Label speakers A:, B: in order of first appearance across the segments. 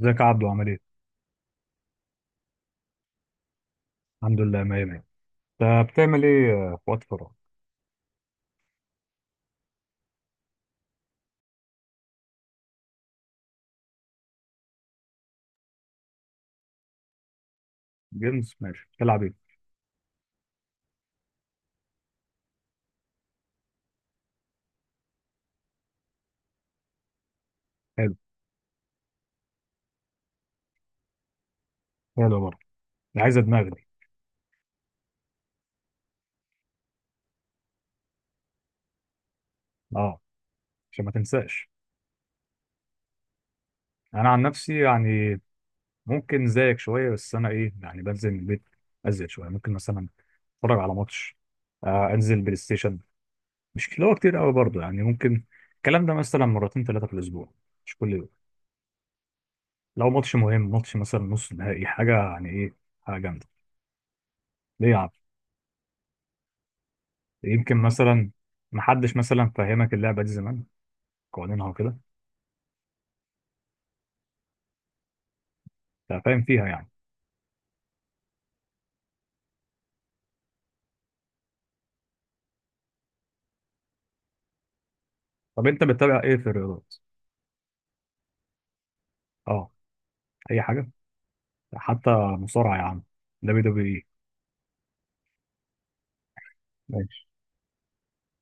A: ازيك يا عبدو عامل ايه؟ الحمد لله مية مية. انت بتعمل ايه في وقت فراغ؟ جيمز ماشي بتلعب ايه؟ حلو. حلو برضه. دي عايزة دماغ دي. اه، عشان ما تنساش. انا عن نفسي، يعني ممكن زيك شوية، بس انا ايه يعني بنزل من البيت ازيد شوية. ممكن مثلا اتفرج على ماتش، انزل بلاي ستيشن. مش اللي هو كتير قوي برضه، يعني ممكن الكلام ده مثلا مرتين ثلاثة في الاسبوع، مش كل يوم. لو ماتش مهم، ماتش مثلا نص نهائي، حاجة يعني ايه، حاجة جامدة. ليه يا عم؟ يمكن مثلا محدش مثلا فهمك اللعبة دي زمان، قوانينها وكده. أنت فاهم فيها يعني. طب أنت بتتابع إيه في الرياضات؟ أه، أي حاجة حتى. مصارعة يا عم، دبليو دبليو إي. ماشي.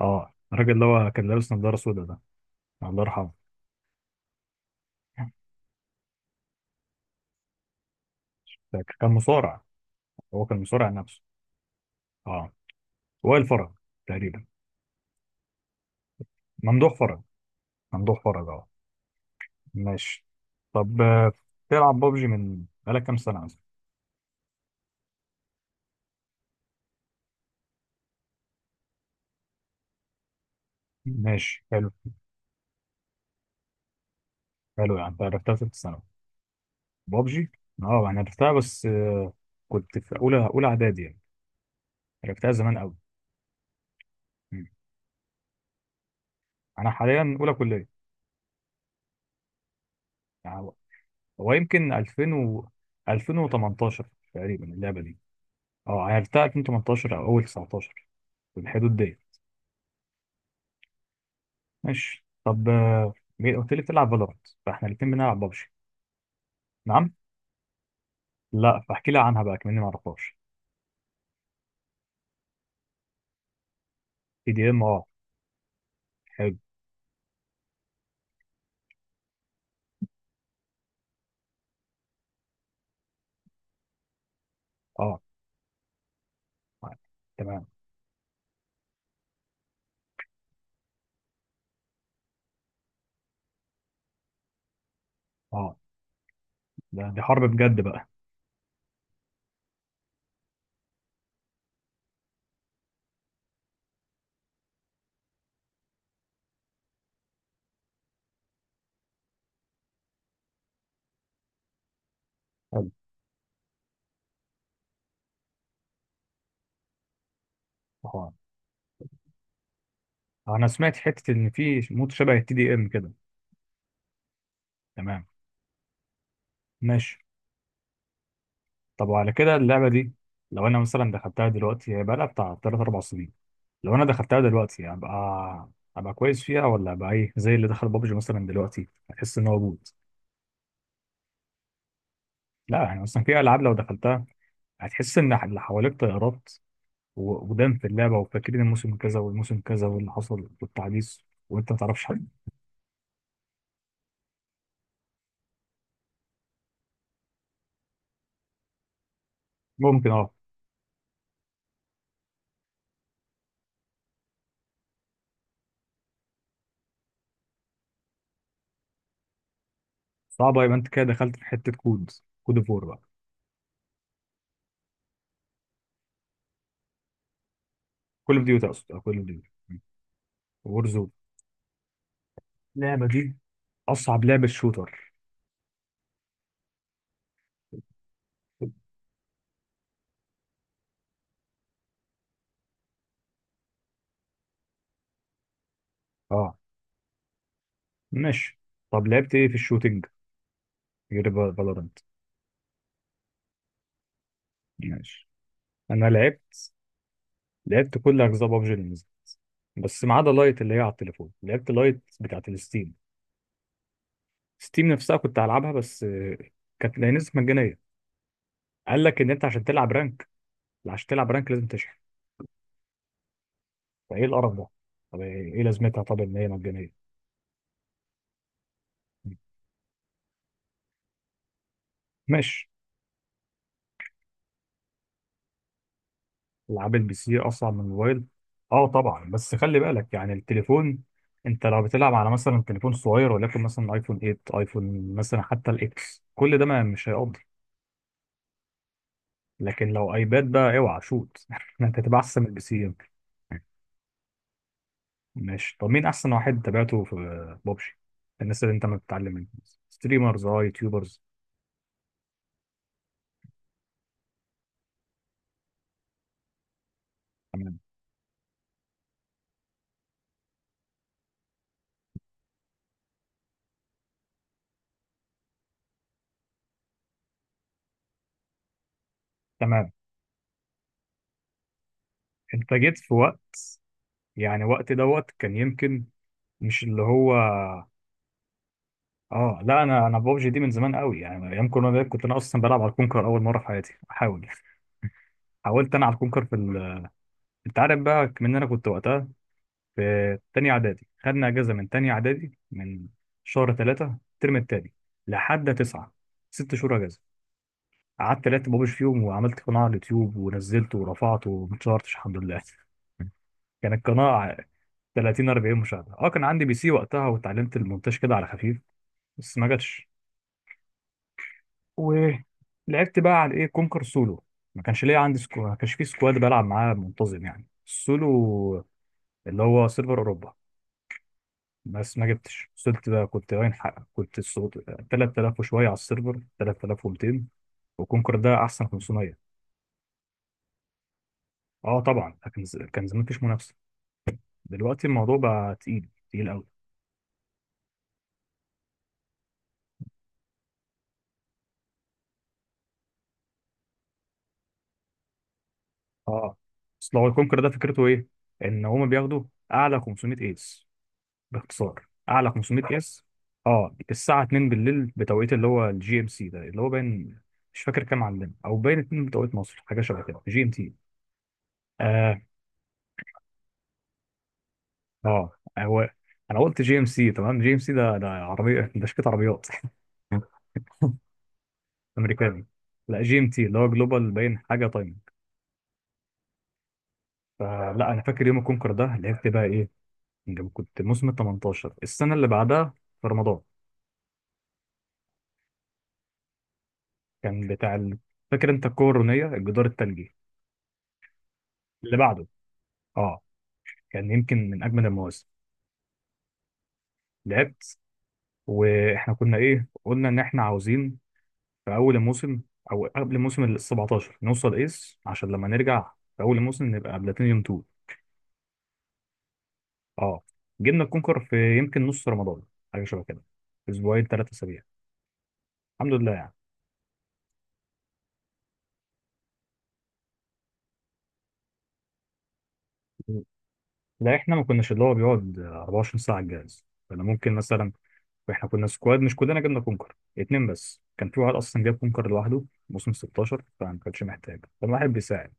A: أه، الراجل اللي هو كان لابس نضارة سودا ده، الله يرحمه. فاكر. كان مصارع. هو كان مصارع نفسه. أه، وائل فرج، تقريبا. ممدوح فرج. ممدوح فرج، أه. ماشي. طب تلعب ببجي من بقالك كام سنة مثلا؟ ماشي حلو. حلو، يعني أنت عرفتها في ثالثة ثانوي. بابجي، اه انا لعبتها، بس كنت في اولى اعدادي يعني، لعبتها زمان قوي. مم. انا حاليا اولى كليه. يعني هو يمكن 2000 و 2018 تقريبا اللعبه دي. اه، لعبتها 2018 او اول 19، في الحدود دي. ماشي. طب قلت لي بتلعب فالورانت، فاحنا الاثنين بنلعب بابجي. نعم. لا، فاحكي لي عنها بقى كمان، ما اعرفهاش. في دي ام، اه. حلو. اه. تمام. اه. دي حرب بجد بقى. حلو. اه، انا سمعت حته ان في مود شبه التي دي ام كده. تمام. ماشي. طب وعلى كده اللعبة دي، لو أنا مثلا دخلتها دلوقتي، هي بقالها بتاع تلات أربع سنين، لو أنا دخلتها دلوقتي أبقى كويس فيها، ولا أبقى إيه زي اللي دخل بابجي مثلا دلوقتي، هتحس إن هو بوت. لا، يعني مثلا في ألعاب لو دخلتها هتحس إن اللي حواليك طيارات، ودم في اللعبة، وفاكرين الموسم كذا والموسم كذا واللي حصل والتحديث، وأنت ما تعرفش حاجة. ممكن، أه. صعبة، يبقى أنت كده دخلت في حتة كود، كود أوف وور بقى. كول أوف ديوتي، أقصد كول أوف ديوتي. وور زون. اللعبة دي أصعب لعبة شوتر. اه. ماشي. طب لعبت ايه في الشوتينج غير فالورانت؟ ماشي. انا لعبت كل اجزاء بابجي اللي نزلت، بس ما عدا لايت اللي هي على التليفون. لعبت لايت بتاعت الستيم. ستيم نفسها كنت هلعبها بس كانت لها نسخة مجانية. قال لك ان انت عشان تلعب رانك، لا، عشان تلعب رانك لازم تشحن. فايه القرف ده؟ طب إيه لازمتها طب ان هي مجانية؟ ماشي. العاب البي سي اسرع من الموبايل. اه طبعا، بس خلي بالك، يعني التليفون، انت لو بتلعب على مثلا تليفون صغير، ولكن مثلا ايفون 8، ايفون مثلا حتى الاكس، كل ده ما مش هيقضي. لكن لو ايباد بقى، اوعى شوت، انت هتبقى احسن من البي سي يمكن. ماشي. طب مين احسن واحد تابعته في بابجي، الناس اللي انت ما بتتعلم منهم؟ ستريمرز. اه، يوتيوبرز. تمام. تمام. انت جيت في وقت، يعني وقت دوت كان يمكن، مش اللي هو، اه لا، انا ببجي دي من زمان قوي، يعني ايام كورونا ده كنت انا اصلا بلعب على الكونكر اول مره في حياتي احاول. حاولت انا على الكونكر. انت عارف بقى من انا كنت وقتها في تانية اعدادي. خدنا اجازه من تانية اعدادي من شهر ثلاثة الترم التاني لحد تسعة، 6 شهور اجازه. قعدت لعبت ببجي فيهم، وعملت قناه على اليوتيوب ونزلته ورفعته وما اتشهرتش الحمد لله. كانت قناه 30 40 مشاهده. اه كان عندي بي سي وقتها، واتعلمت المونتاج كده على خفيف، بس ما جاتش. ولعبت بقى على ايه كونكر سولو. ما كانش ليا عندي ما كانش في سكواد بلعب معاه منتظم، يعني السولو اللي هو سيرفر اوروبا، بس ما جبتش. وصلت بقى، كنت باين حق، كنت الصوت 3000 وشويه على السيرفر، 3200، وكونكر ده احسن 500. اه طبعا، لكن كان زمان مفيش منافسه، دلوقتي الموضوع بقى تقيل تقيل قوي. اه. اصل هو الكونكر ده فكرته ايه، ان هما بياخدوا اعلى 500 ايس، باختصار اعلى 500 قياس. اه، الساعه 2 بالليل بتوقيت اللي هو الجي ام سي ده، اللي هو باين، مش فاكر كام عندنا، او باين 2 بتوقيت مصر، حاجه شبه كده، جي ام تي. اه. اه. هو انا قلت جي ام سي، تمام جي ام سي ده عربيه، ده شركه عربيات. امريكاني. لا جي ام تي، اللي هو جلوبال باين حاجه تايمنج. فلا، انا فاكر يوم الكونكر ده لعبت بقى ايه، لما كنت موسم ال 18، السنه اللي بعدها، في رمضان. كان. فاكر انت الكورونيه الجدار الثلجي؟ اللي بعده، اه، كان يمكن من اجمل المواسم. لعبت، واحنا كنا ايه قلنا ان احنا عاوزين في اول الموسم، او قبل موسم ال 17، نوصل ايس عشان لما نرجع في اول الموسم نبقى بلاتينيوم 2. اه جبنا الكونكر في يمكن نص رمضان، حاجه شبه كده، اسبوعين 3 أسابيع، الحمد لله يعني. لا احنا ما كناش اللي هو بيقعد 24 ساعه على الجهاز، كنا ممكن مثلا، احنا كنا سكواد، مش كلنا جبنا كونكر، اتنين بس كان في واحد اصلا جاب كونكر لوحده موسم 16، فما كانش محتاج، كان واحد بيساعد،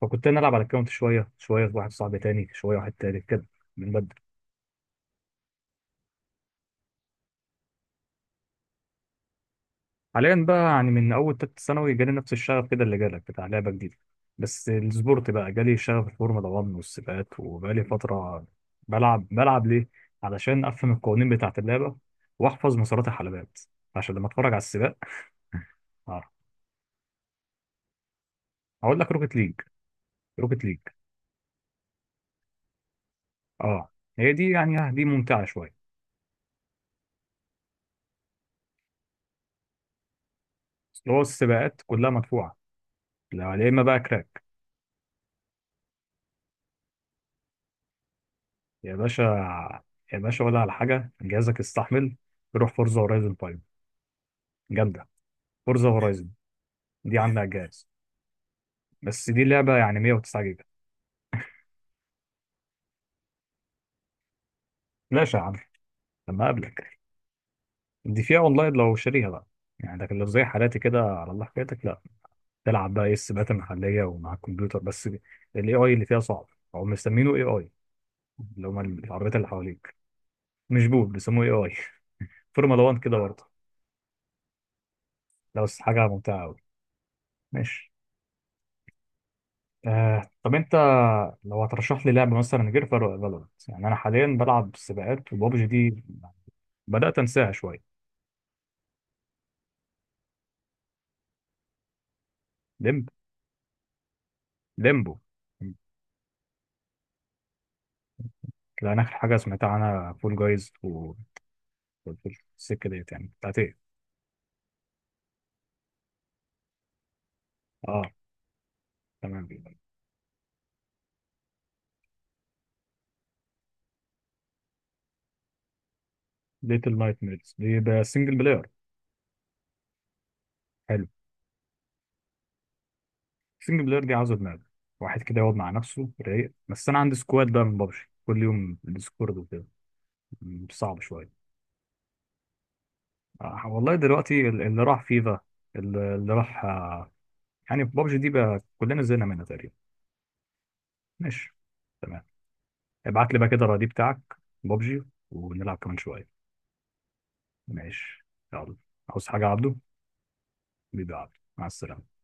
A: فكنت انا العب على الكاونت شويه شويه، في واحد صاحبي تاني شويه، واحد تالت كده، بنبدل. حاليا بقى، يعني من اول تالتة ثانوي جالي نفس الشغف كده اللي جالك، بتاع لعبه جديده، بس السبورت بقى جالي شغف الفورمولا 1 والسباقات، وبقالي فتره بلعب ليه، علشان افهم القوانين بتاعه اللعبه، واحفظ مسارات الحلبات، عشان لما اتفرج على السباق اعرف. اقول لك روكت ليج. روكت ليج، اه، هي دي يعني، دي ممتعه شويه. بس هو السباقات كلها مدفوعه. لا يا اما بقى كراك. يا باشا. يا باشا ولا على حاجة، جهازك استحمل. روح فورزا هورايزن 5، جامدة. فورزا هورايزن، دي عاملة على الجهاز، بس دي لعبة يعني 109 جيجا. بلاش يا عم. لما أقابلك، دي فيها أونلاين لو شاريها بقى، يعني، لكن لو زي حالاتي كده على الله حكايتك، لا، تلعب بقى إيه السباقات المحلية ومع الكمبيوتر، بس ال AI اللي فيها صعب. هو مسمينه AI، اللي هما العربيات اللي حواليك. مش بوب، بيسموه AI. فورمولا 1 كده برضه، لو بس حاجة ممتعة أوي. ماشي. طب أنت لو هترشح لي لعبة مثلا غير فالورانت؟ يعني أنا حاليا بلعب سباقات وبابجي دي بدأت أنساها شوية. ليمب ليمبو. لأن آخر حاجة سمعتها عنها فول جايز والسكة ديت، يعني بتاعت إيه؟ أه، تمام. ليتل نايت ميرز دي بقى سنجل بلاير. حلو. سنجل بلاير دي عاوزة دماغ، واحد كده يقعد مع نفسه رايق، بس أنا عندي سكواد بقى من بابجي، كل يوم ديسكورد وكده، صعب شوية. والله دلوقتي اللي راح فيفا، اللي راح يعني في بابجي دي بقى كلنا زهقنا منها تقريبا. ماشي. تمام. ابعت لي بقى كده الرادي بتاعك، بابجي، ونلعب كمان شوية. ماشي. يلا. عاوز حاجة يا عبده؟ بيبقى عبده، مع السلامة.